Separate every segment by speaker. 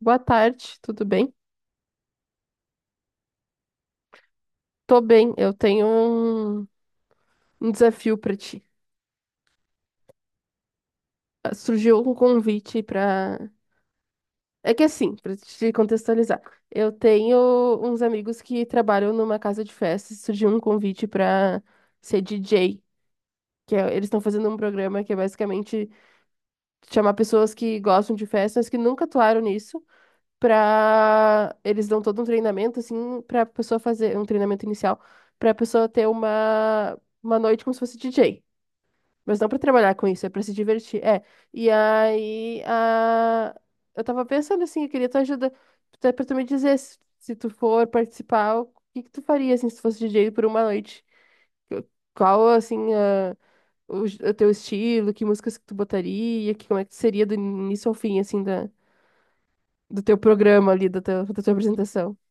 Speaker 1: Boa tarde, tudo bem? Tô bem, eu tenho um desafio pra ti. Ah, Surgiu um convite pra. É que assim, pra te contextualizar, eu tenho uns amigos que trabalham numa casa de festas, surgiu um convite pra ser DJ, que eles estão fazendo um programa que é basicamente chamar pessoas que gostam de festas, que nunca atuaram nisso, pra. Eles dão todo um treinamento, assim, pra pessoa fazer, um treinamento inicial, pra pessoa ter uma noite como se fosse DJ. Mas não para trabalhar com isso, é para se divertir. É. E aí, a... eu tava pensando assim, eu queria tua ajuda até para tu me dizer se, se tu for participar, o que que tu faria assim se tu fosse DJ por uma noite? Eu- Qual assim a... o... j- O teu estilo, que músicas que tu botaria, que como é que seria do início ao fim assim da do teu programa ali, da... tua, da tua apresentação?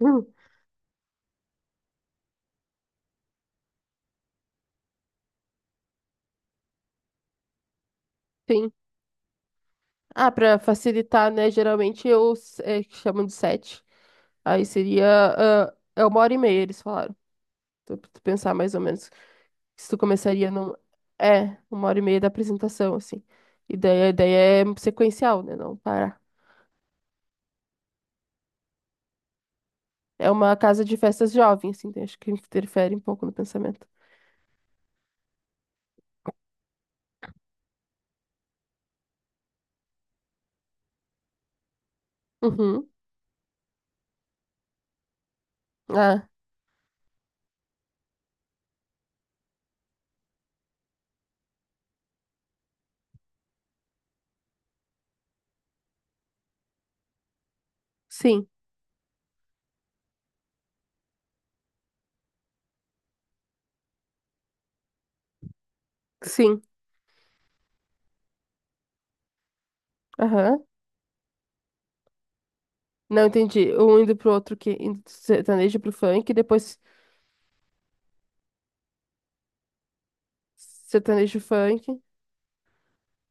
Speaker 1: Hum, sim. Ah, para facilitar, né? Geralmente é, que chamam de set. Aí seria ah, é uma hora e meia, eles falaram. Tu pensar mais ou menos se tu começaria num, é, uma hora e meia da apresentação, assim. E daí a ideia é sequencial, né? Não parar. É uma casa de festas jovem, assim, então acho que interfere um pouco no pensamento. Uhum. Ah, sim, sim. Aham. Não entendi. Um indo pro outro que indo do sertanejo pro funk, depois sertanejo funk,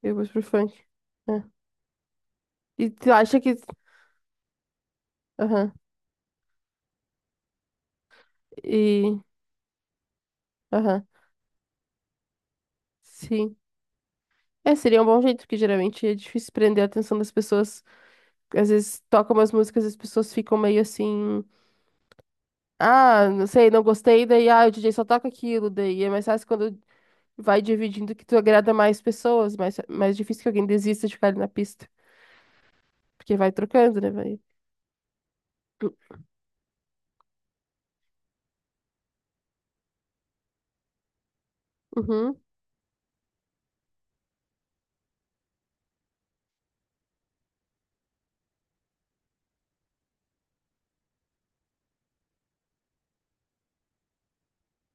Speaker 1: depois pro funk. É. E tu acha que. Aham. E. Aham. Sim. É, seria um bom jeito, porque geralmente é difícil prender a atenção das pessoas, às vezes toca umas músicas e as pessoas ficam meio assim, ah, não sei, não gostei, daí, ah, o DJ só toca aquilo, daí é mais fácil quando vai dividindo que tu agrada mais pessoas, mais difícil que alguém desista de ficar ali na pista, porque vai trocando, né, vai. Hum, uhum.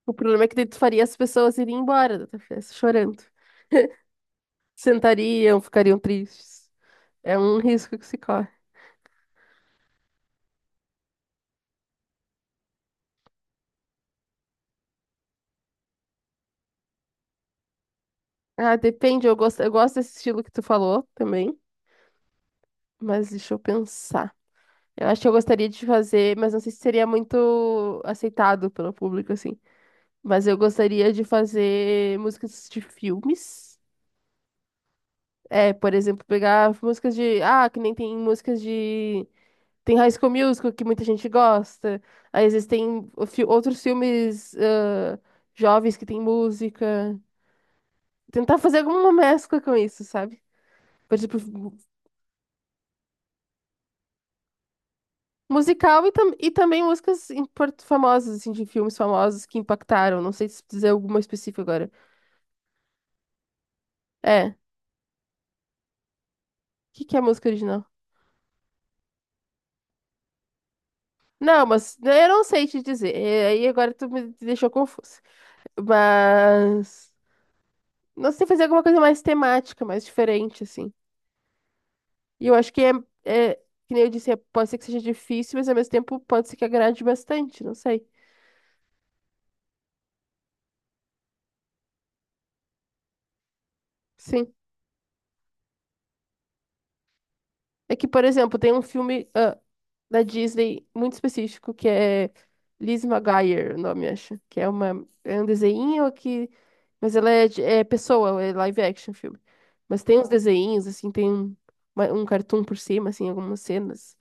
Speaker 1: O problema é que daí tu faria as pessoas irem embora da tua festa, chorando. Sentariam, ficariam tristes. É um risco que se corre. Ah, depende, eu gosto desse estilo que tu falou também, mas deixa eu pensar. Eu acho que eu gostaria de fazer, mas não sei se seria muito aceitado pelo público, assim. Mas eu gostaria de fazer músicas de filmes. É, por exemplo, pegar músicas de. Ah, que nem tem músicas de. Tem High School Musical, que muita gente gosta. Aí existem outros filmes ah, jovens que tem música. Tentar fazer alguma mescla com isso, sabe? Por exemplo, musical e também músicas famosas, assim, de filmes famosos que impactaram. Não sei se dizer alguma específica agora. É. O que, que é música original? Não, mas eu não sei te dizer. É, aí agora tu me deixou confusa. Mas. Não sei, fazer alguma coisa mais temática, mais diferente, assim. E eu acho que é, que nem eu disse, pode ser que seja difícil, mas ao mesmo tempo pode ser que agrade bastante, não sei. Sim. É que, por exemplo, tem um filme. Ah, da Disney muito específico, que é Liz Maguire, o nome, acho. Que é é um desenho que. Mas ela é, é pessoa, é live action filme. Mas tem uns desenhos, assim, tem um, um cartoon por cima, assim, algumas cenas.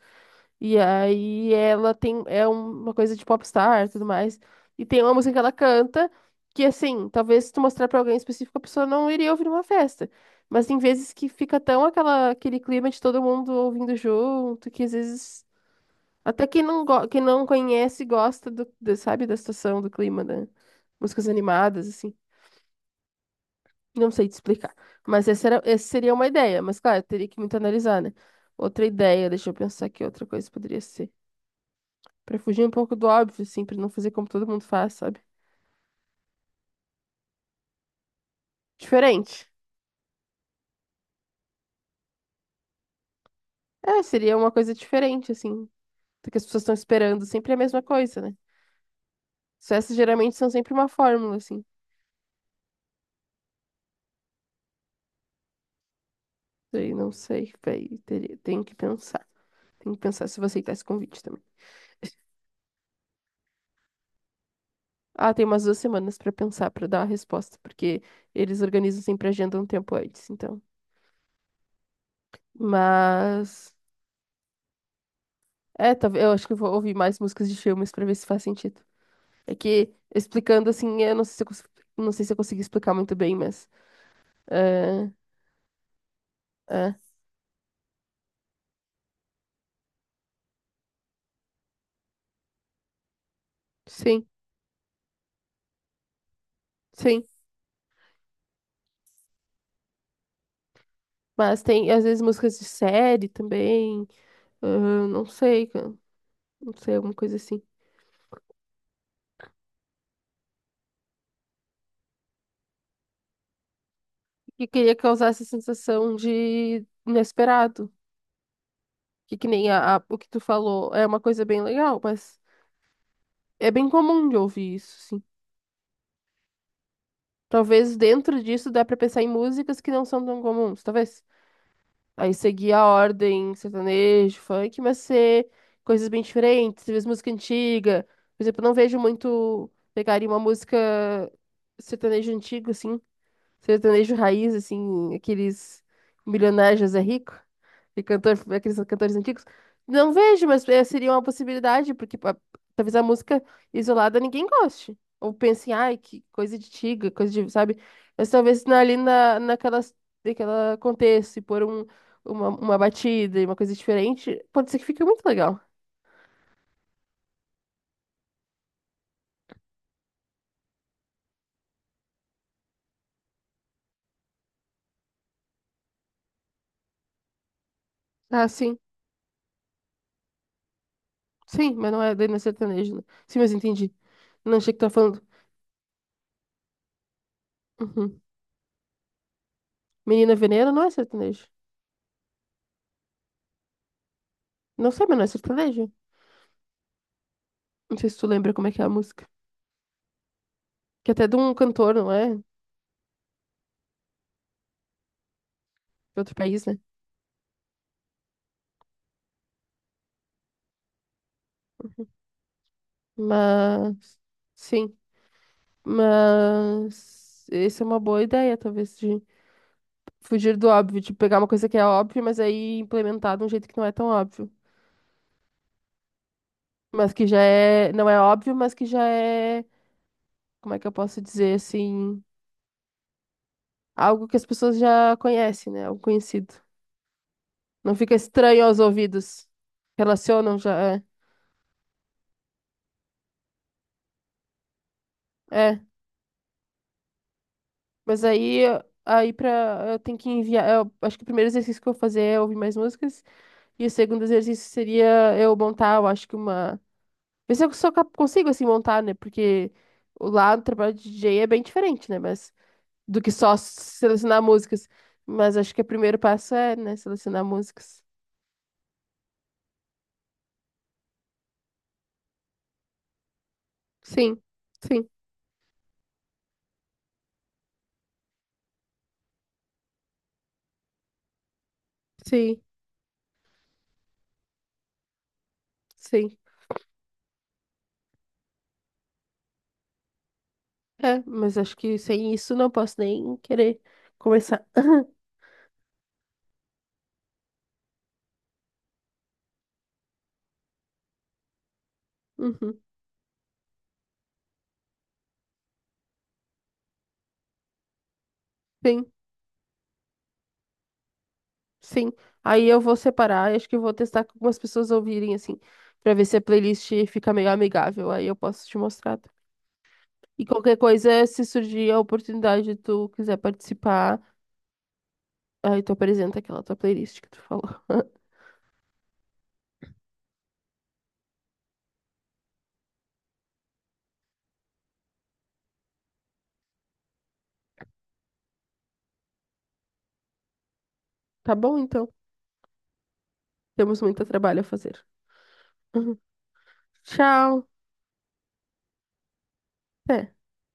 Speaker 1: E aí ela tem. É uma coisa de popstar e tudo mais. E tem uma música que ela canta. Que assim, talvez se tu mostrar pra alguém específico, a pessoa não iria ouvir numa festa. Mas tem vezes que fica tão aquela, aquele clima de todo mundo ouvindo junto, que às vezes até quem quem não conhece gosta do sabe, da situação, do clima, da músicas animadas, assim. Não sei te explicar. Mas essa seria uma ideia, mas claro, teria que muito analisar, né? Outra ideia, deixa eu pensar que outra coisa poderia ser. Pra fugir um pouco do óbvio, assim, pra não fazer como todo mundo faz, sabe? Diferente. É, seria uma coisa diferente, assim, do que as pessoas estão esperando. Sempre é a mesma coisa, né? Sucessos geralmente são sempre uma fórmula, assim. Daí não sei, véi, teria, tenho que pensar. Tenho que pensar se você aceitar esse convite também. Ah, tem umas duas semanas pra pensar, pra dar a resposta, porque eles organizam sempre a agenda um tempo antes, então. Mas. É, talvez eu acho que eu vou ouvir mais músicas de filmes pra ver se faz sentido. É que, explicando assim, eu não sei se eu, não sei se eu consegui explicar muito bem, mas. É, é, sim, sim. Mas tem, às vezes, músicas de série também. Ah, não sei, cara, não sei, alguma coisa assim. E queria causar essa sensação de inesperado. Que nem o que tu falou é uma coisa bem legal, mas é bem comum de ouvir isso, sim. Talvez dentro disso dá pra pensar em músicas que não são tão comuns, talvez. Aí seguir a ordem sertanejo, funk, mas ser coisas bem diferentes, talvez música antiga. Por exemplo, eu não vejo muito pegarem uma música sertanejo antigo, assim. Sertanejo raiz, assim, aqueles milionários José Rico e cantor, aqueles cantores antigos. Não vejo, mas eh, seria uma possibilidade, porque talvez a música isolada ninguém goste. Ou pense, ai, que coisa de tiga, coisa de, sabe? Mas talvez ali na, naquelas, naquela contexto e pôr um, uma batida e uma coisa diferente, pode ser que fique muito legal. Ah, sim, sim, mas não é, daí não é sertanejo, né? Sim, mas entendi. Não achei que tá falando. Uhum. Menina Veneno não é sertanejo. Não sei, mas não é sertanejo. Não sei se tu lembra como é que é a música. Que até é de um cantor, não é? De outro país, né? Mas. Sim. Mas. Essa é uma boa ideia, talvez, de fugir do óbvio, de pegar uma coisa que é óbvia, mas aí implementar de um jeito que não é tão óbvio. Mas que já é. Não é óbvio, mas que já é. Como é que eu posso dizer assim? Algo que as pessoas já conhecem, né? Algo conhecido. Não fica estranho aos ouvidos. Relacionam já. É. É. Mas aí pra, eu tenho que enviar. Eu acho que o primeiro exercício que eu vou fazer é ouvir mais músicas. E o segundo exercício seria eu montar, eu acho que uma. Ver se eu sou consigo, assim, montar, né? Porque lá no trabalho de DJ é bem diferente, né? Mas do que só selecionar músicas. Mas acho que o primeiro passo é, né, selecionar músicas. Sim, sim, sim, sim. É, mas acho que sem isso não posso nem querer começar. Uhum, sim. Sim, aí eu vou separar, acho que vou testar com algumas pessoas ouvirem, assim, pra ver se a playlist fica meio amigável, aí eu posso te mostrar. E qualquer coisa, se surgir a oportunidade, tu quiser participar, aí tu apresenta aquela tua playlist que tu falou. Tá bom, então? Temos muito trabalho a fazer. Tchau! Até